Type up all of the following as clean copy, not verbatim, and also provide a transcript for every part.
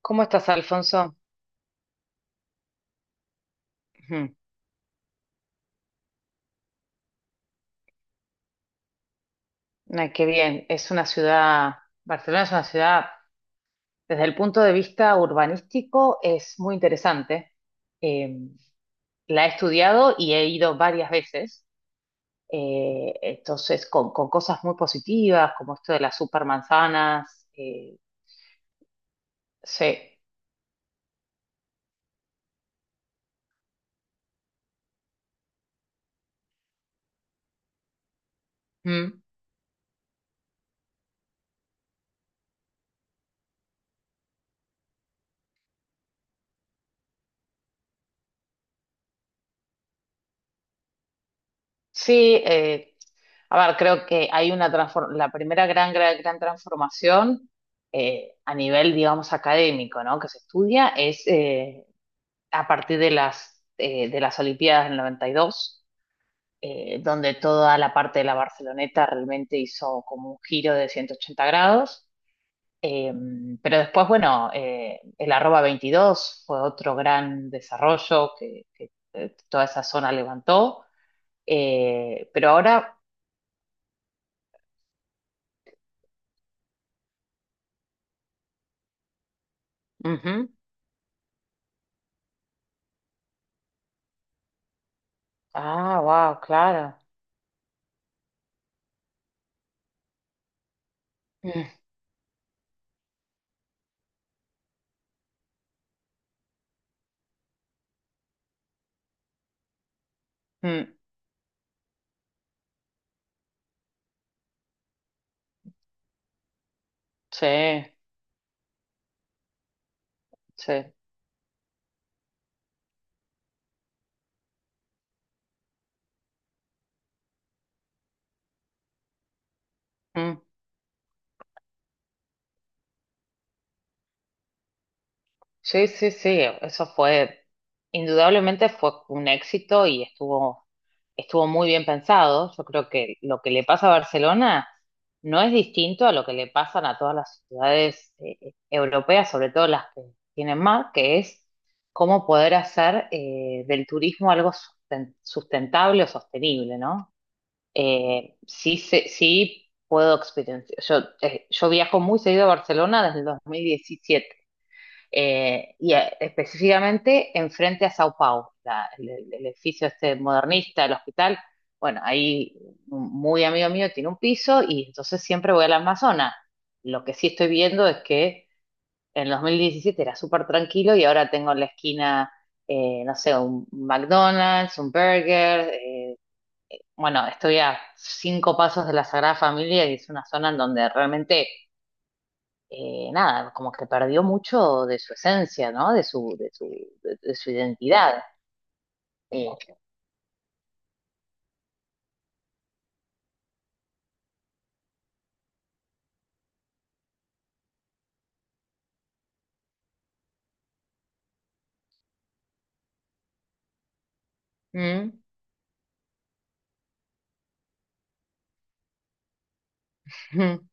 ¿Cómo estás, Alfonso? Ujú. Ay, qué bien. Es una ciudad, Barcelona es una ciudad, desde el punto de vista urbanístico, es muy interesante. Eh, la he estudiado y he ido varias veces. Entonces, con cosas muy positivas, como esto de las supermanzanas. Sí. Mm. Sí, a ver, creo que hay una la primera gran transformación a nivel, digamos, académico, ¿no? Que se estudia es a partir de las Olimpiadas del 92, donde toda la parte de la Barceloneta realmente hizo como un giro de 180 grados. Eh, pero después, bueno, el arroba 22 fue otro gran desarrollo que toda esa zona levantó. Pero ahora Ujú. Ah, wow, claro. Mm, mm, sí, sí. Mm. Sí, sí, sí. Eso fue, Indudablemente fue un éxito y estuvo muy bien pensado. Yo creo que lo que le pasa a Barcelona no es distinto a lo que le pasan a todas las ciudades europeas, sobre todo las que tienen mar, que es cómo poder hacer del turismo algo sustentable o sostenible, ¿no? Sí, sí puedo experienciar. Yo, yo viajo muy seguido a Barcelona desde el 2017 y específicamente enfrente a Sao Paulo, el edificio este modernista, el hospital. Bueno, ahí un muy amigo mío tiene un piso y entonces siempre voy al Amazonas. Lo que sí estoy viendo es que en 2017 era súper tranquilo y ahora tengo en la esquina, no sé, un McDonald's, un burger. Bueno, estoy a 5 pasos de la Sagrada Familia y es una zona en donde realmente, nada, como que perdió mucho de su esencia, ¿no? De su identidad. Eh, mm, mm,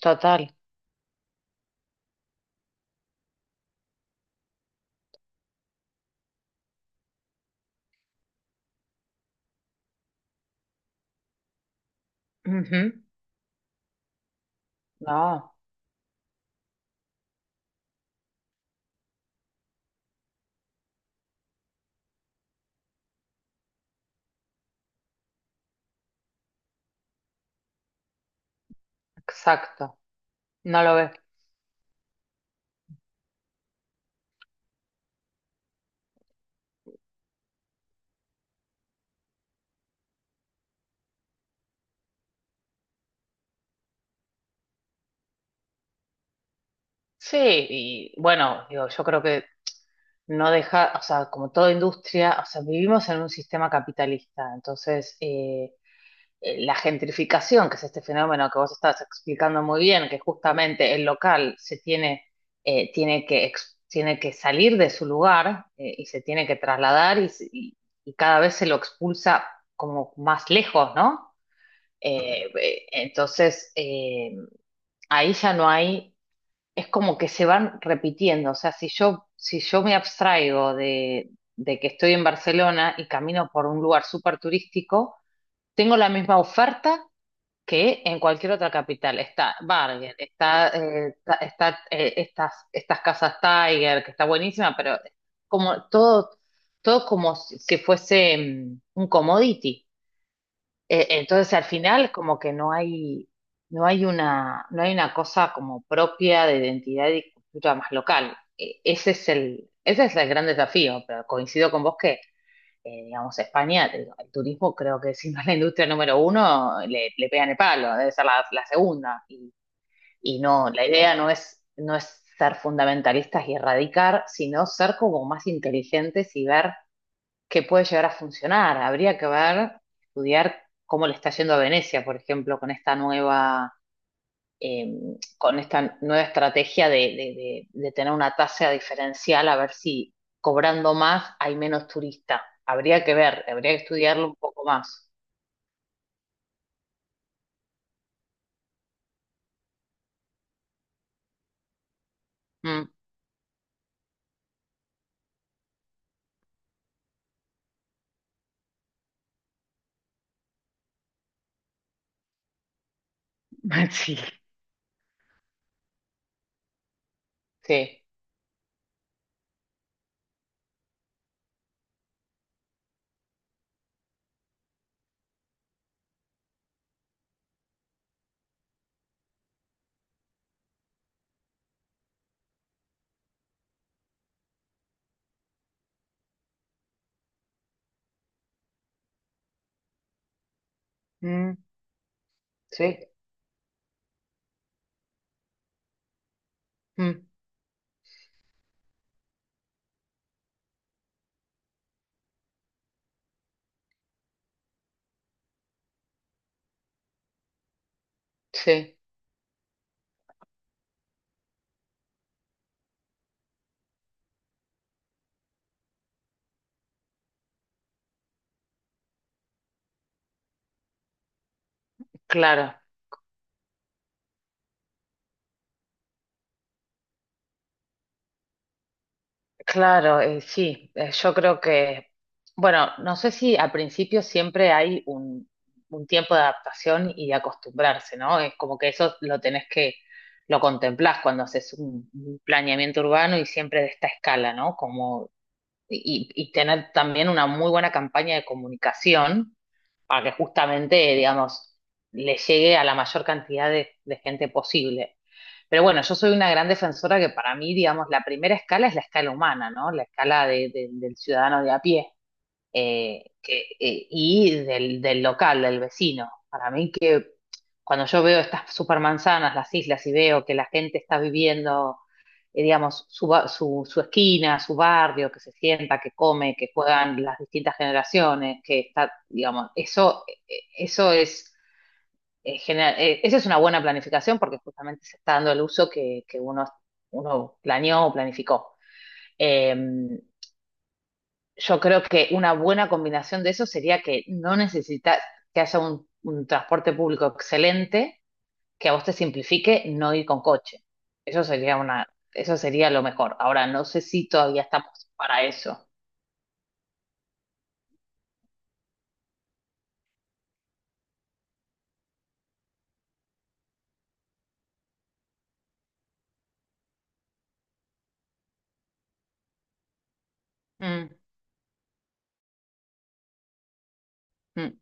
total. Ujú. No, exacto. No lo ves. Sí, y bueno, digo, yo creo que no deja, o sea, como toda industria, o sea, vivimos en un sistema capitalista, entonces, la gentrificación, que es este fenómeno que vos estás explicando muy bien, que justamente el local se tiene, tiene que, ex- tiene que salir de su lugar y se tiene que trasladar y y- cada vez se lo expulsa como más lejos, ¿no? Entonces, ahí ya no hay, es como que se van repitiendo, o sea, si yo me abstraigo de que estoy en Barcelona y camino por un lugar súper turístico, tengo la misma oferta que en cualquier otra capital. Está Bargain, está, está, estas, estas casas Tiger, que está buenísima, pero como todo, todo como si fuese un commodity. Entonces al final como que no hay, no hay una, no hay una cosa como propia de identidad y cultura más local. Ese es el, ese es el gran desafío, pero coincido con vos digamos, España, te digo, el turismo creo que si no es la industria número uno, le pegan el palo, debe ser la, la segunda. Y no, la idea no es, no es ser fundamentalistas y erradicar, sino ser como más inteligentes y ver qué puede llegar a funcionar. Habría que ver, estudiar cómo le está yendo a Venecia, por ejemplo, eh, con esta nueva estrategia de tener una tasa diferencial, a ver si cobrando más hay menos turistas. Habría que ver, habría que estudiarlo un poco más. Mm, sí, sí, mm, sí, mm, sí, claro. Claro, sí, yo creo que, bueno, no sé si al principio siempre hay un tiempo de adaptación y de acostumbrarse, ¿no? Es como que eso lo tenés que, lo contemplás cuando haces un planeamiento urbano y siempre de esta escala, ¿no? Como, y tener también una muy buena campaña de comunicación para que justamente, digamos, le llegue a la mayor cantidad de gente posible. Pero bueno, yo soy una gran defensora que para mí, digamos, la primera escala es la escala humana, ¿no? La escala del ciudadano de a pie y del, del local, del vecino. Para mí que cuando yo veo estas supermanzanas, las islas, y veo que la gente está viviendo, digamos, su, su esquina, su barrio, que se sienta, que come, que juegan las distintas generaciones, que está, digamos, eso, eso es esa es una buena planificación porque justamente se está dando el uso que uno planeó o planificó. Eh, yo creo que una buena combinación de eso sería que no necesitas que haya un transporte público excelente que a vos te simplifique no ir con coche. Eso sería una, eso sería lo mejor. Ahora, no sé si todavía estamos para eso. Mm, mm.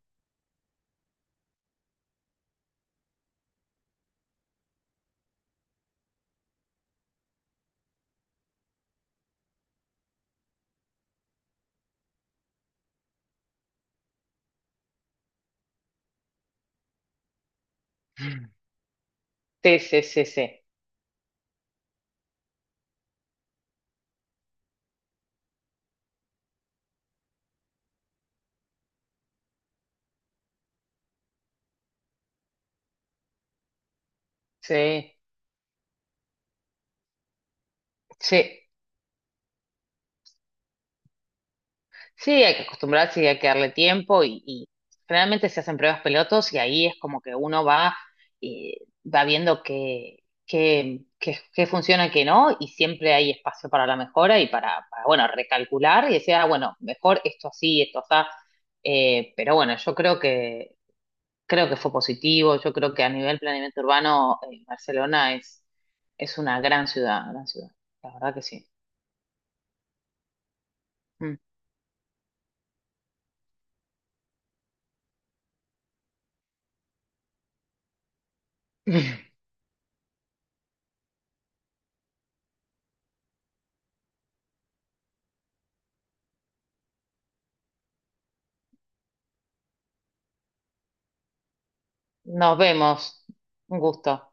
Sí, sí, sí, sí. Sí, sí. Sí, hay que acostumbrarse y hay que darle tiempo y generalmente se hacen pruebas pilotos y ahí es como que uno va, eh, va viendo qué qué funciona y qué no y siempre hay espacio para la mejora y para, bueno, recalcular y decir, ah, bueno, mejor esto así, esto así. Pero bueno, yo creo que fue positivo, yo creo que a nivel planeamiento urbano, Barcelona es una gran ciudad, la verdad que sí. Mm. Nos vemos, un gusto.